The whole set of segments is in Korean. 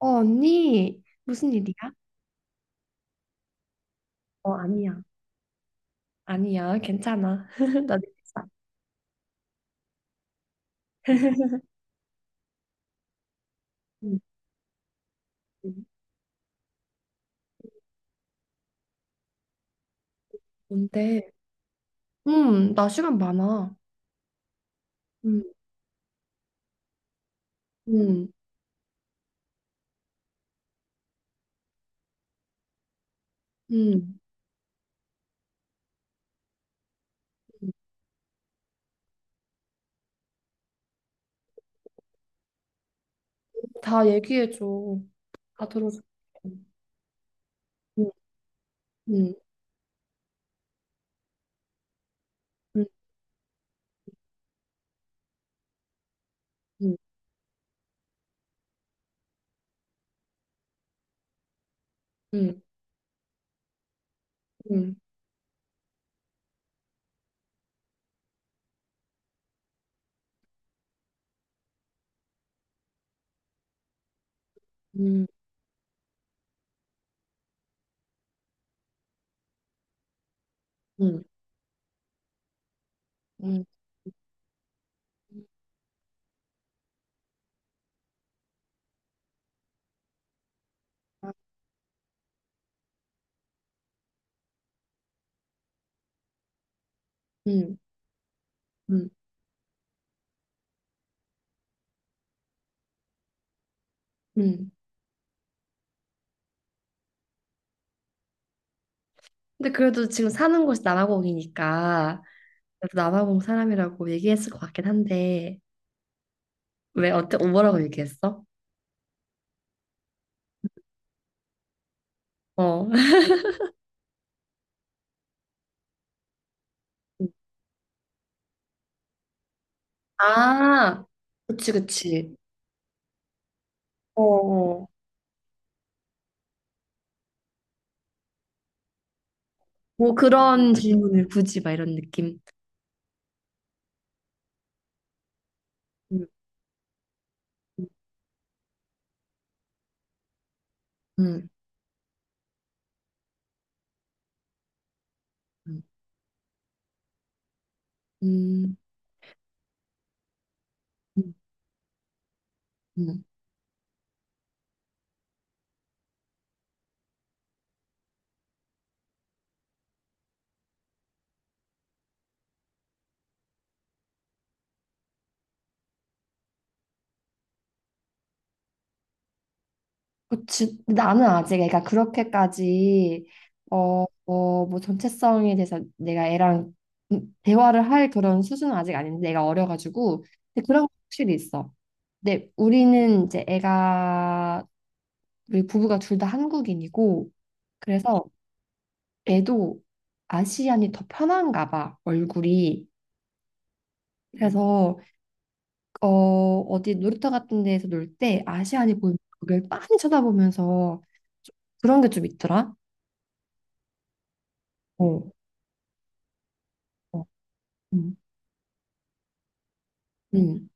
어, 언니, 무슨 일이야? 어, 아니야. 아니야, 괜찮아. 나 늦었어. 응, 응. 뭔데? 응, 나 시간 많아. 응. 응, 응, 응. 다 얘기해줘. 다 들어줘. 응, 응, 응, 응, 응, 응, 응, 응, 응, 응. 응, 응. 근데 그래도 지금 사는 곳이 남아공이니까 그래도 남아공 사람이라고 얘기했을 것 같긴 한데, 왜 어때? 뭐라고 얘기했어? 어. 아, 그치, 그치. 어, 어. 뭐 그런 질문을 굳이 막 이런 느낌. 음, 음, 음, 음, 음. 음. 그치. 근데 나는 아직 애가 그렇게까지, 어, 어, 뭐 전체성에 대해서 내가 애랑 대화를 할 그런 수준은 아직 아닌데, 내가 어려가지고. 근데 그런 거 확실히 있어. 근데 우리는 이제 애가, 우리 부부가 둘 다 한국인이고 그래서 애도 아시안이 더 편한가 봐, 얼굴이. 음. 그래서 어, 어디 놀이터 같은 데에서 놀 때 아시안이 보이면 그걸 빤히 쳐다보면서 좀, 그런 게 좀 있더라. 어. 어. 음. 음.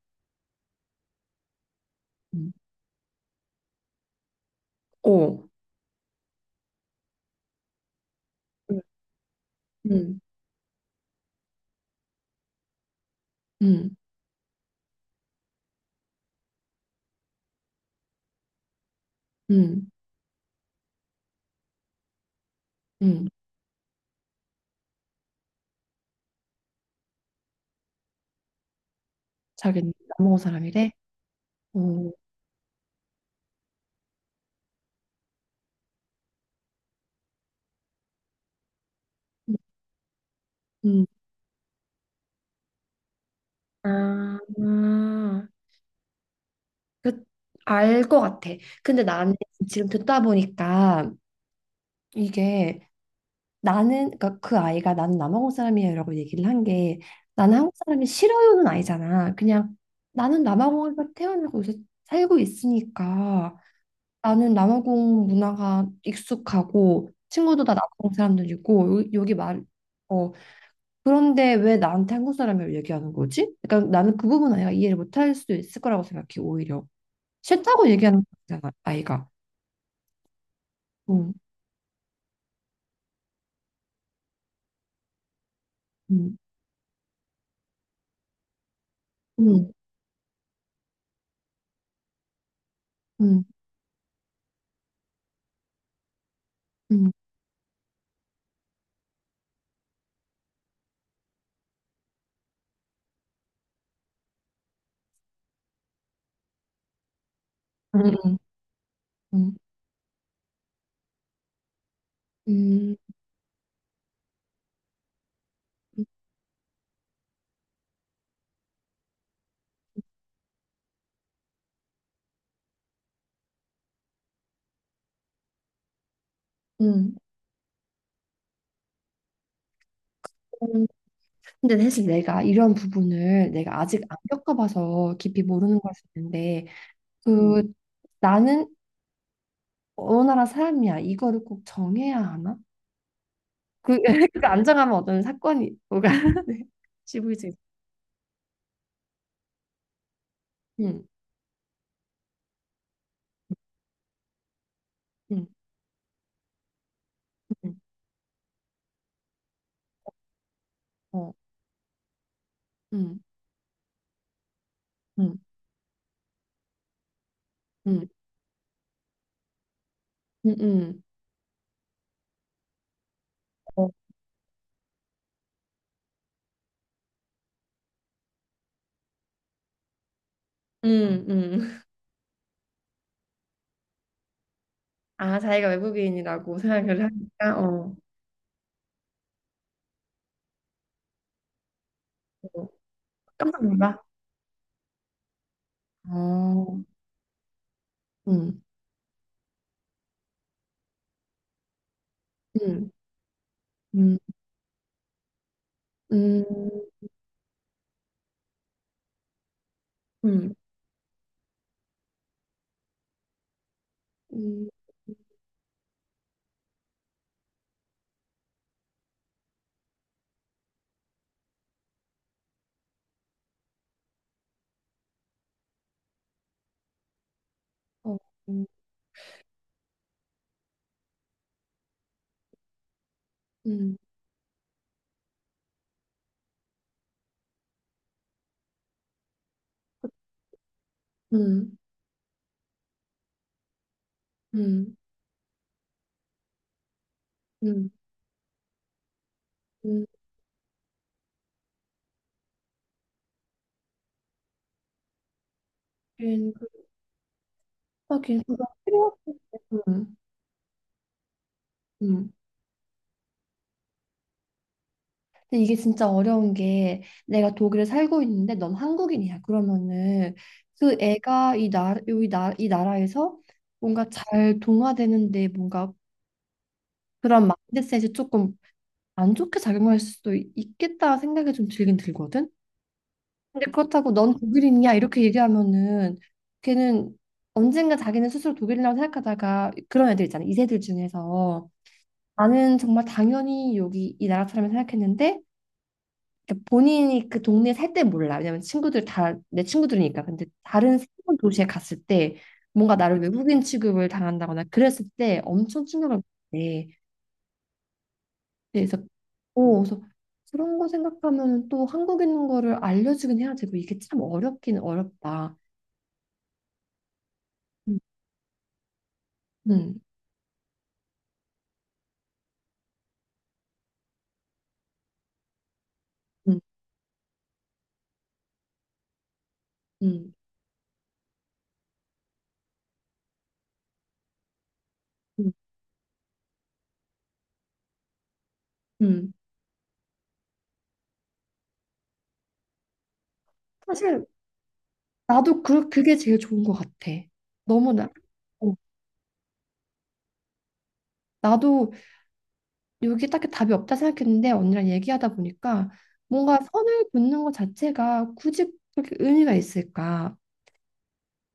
음. 어. 음. 음. 음. 음. 음. 자기 남은 사람이래. 어. 음. 음. 아, 그, 알 것 같아. 근데 나는 지금 듣다 보니까 이게, 나는 그러니까 그 아이가 나는 남아공 사람이야라고 얘기를 한 게, 나는 한국 사람이 싫어요는 아니잖아. 그냥 나는 남아공에서 태어나고 요새 살고 있으니까 나는 남아공 문화가 익숙하고 친구도 다 남아공 사람들이고 여기 말, 어, 그런데 왜 나한테 한국 사람이라고 얘기하는 거지? 그러니까 나는 그 부분 아이가 이해를 못할 수도 있을 거라고 생각해, 오히려 싫다고 얘기하는 거잖아 아이가. 음, 음, 음, 음, 음, 음, 음, 음, 음. 음. 음. 근데 사실 내가 이런 부분을 내가 아직 안 겪어봐서 깊이 모르는 걸 수 있는데, 그 나는 어느 나라 사람이야, 이거를 꼭 정해야 하나? 그, 그 안정하면 어떤 사건이 뭐가 네. 지불지. 음, 음, 음, 어, 음, 음, 음, 음, 음, 어, 음, 음. 아, 자기가 외국인이라고 생각을 하니까, 어, 어, 깜짝 놀라. 어, 음, 음, 음, 음, 음, 음, 어. 응. 음, 음, 음, 음, 음. 하긴, 하긴, 그거 필요, 음, 음. 근데 이게 진짜 어려운 게, 내가 독일에 살고 있는데 넌 한국인이야, 그러면은 그 애가 이 나라에서 뭔가 잘 동화되는데 뭔가 그런 마인드셋이 조금 안 좋게 작용할 수도 있겠다 생각이 좀 들긴 들거든. 근데 그렇다고 넌 독일인이야 이렇게 얘기하면은, 걔는 언젠가 자기는 스스로 독일이라고 생각하다가, 그런 애들 있잖아 이세들 중에서, 나는 정말 당연히 여기 이 나라 사람을 생각했는데. 그러니까 본인이 그 동네에 살 때 몰라, 왜냐면 친구들 다 내 친구들이니까. 근데 다른 새로운 도시에 갔을 때 뭔가 나를 외국인 취급을 당한다거나 그랬을 때 엄청 충격을 받대. 그래서, 오 그래서, 그런 거 생각하면 또 한국인 거를 알려주긴 해야 되고, 이게 참 어렵긴 어렵다. 음, 음, 음, 음, 음. 사실 나도 그게 제일 좋은 것 같아. 너무 나 어, 나도 여기 딱히 답이 없다 생각했는데 언니랑 얘기하다 보니까 뭔가 선을 긋는 것 자체가 굳이 그렇게 의미가 있을까?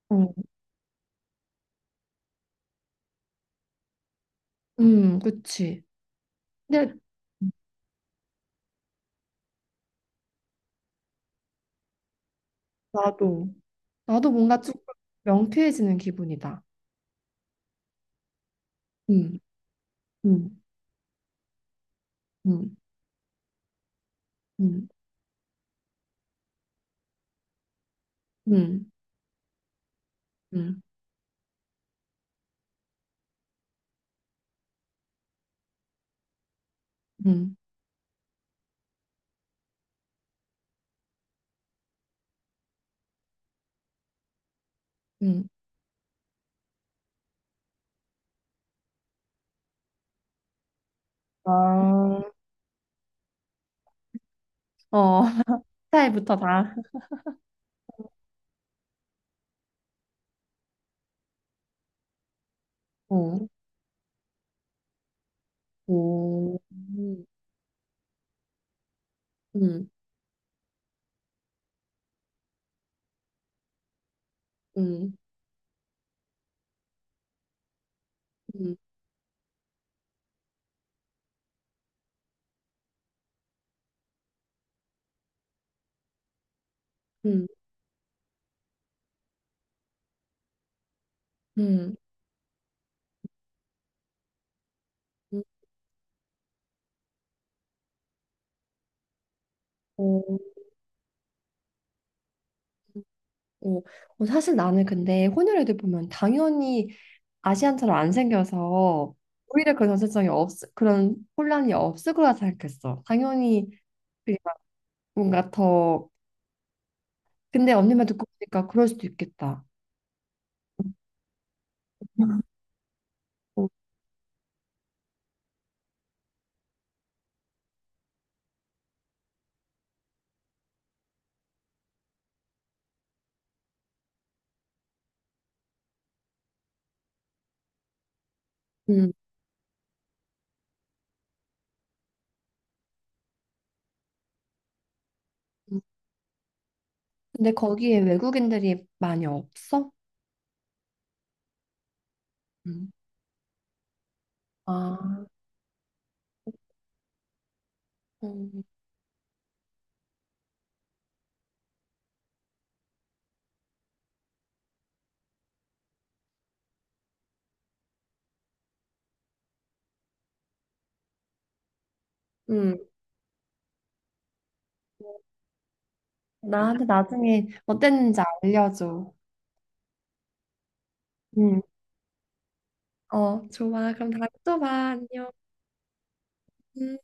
어, 그치. 근데 나도 나도 뭔가 조금 명쾌해지는 기분이다. 음, 음, 음, 음, 음, 음, 음, 음. 아, 어, 스타일부터 다. 어. 오, 음, 음, 음, 음, 음. 오, 오. 어, 사실 나는 근데 혼혈 애들 보면 당연히 아시안처럼 안 생겨서 오히려 그런 그런 혼란이 없을 거라 생각했어, 당연히. 그게 막 뭔가 더, 근데 언니 말 듣고 보니까 그럴 수도 있겠다. 어, 음. 음. 근데 거기에 외국인들이 많이 없어? 음. 아, 음. 음. 나한테 나중에 어땠는지 알려줘. 응. 어, 좋아. 그럼 다음에 또 봐. 안녕. 음.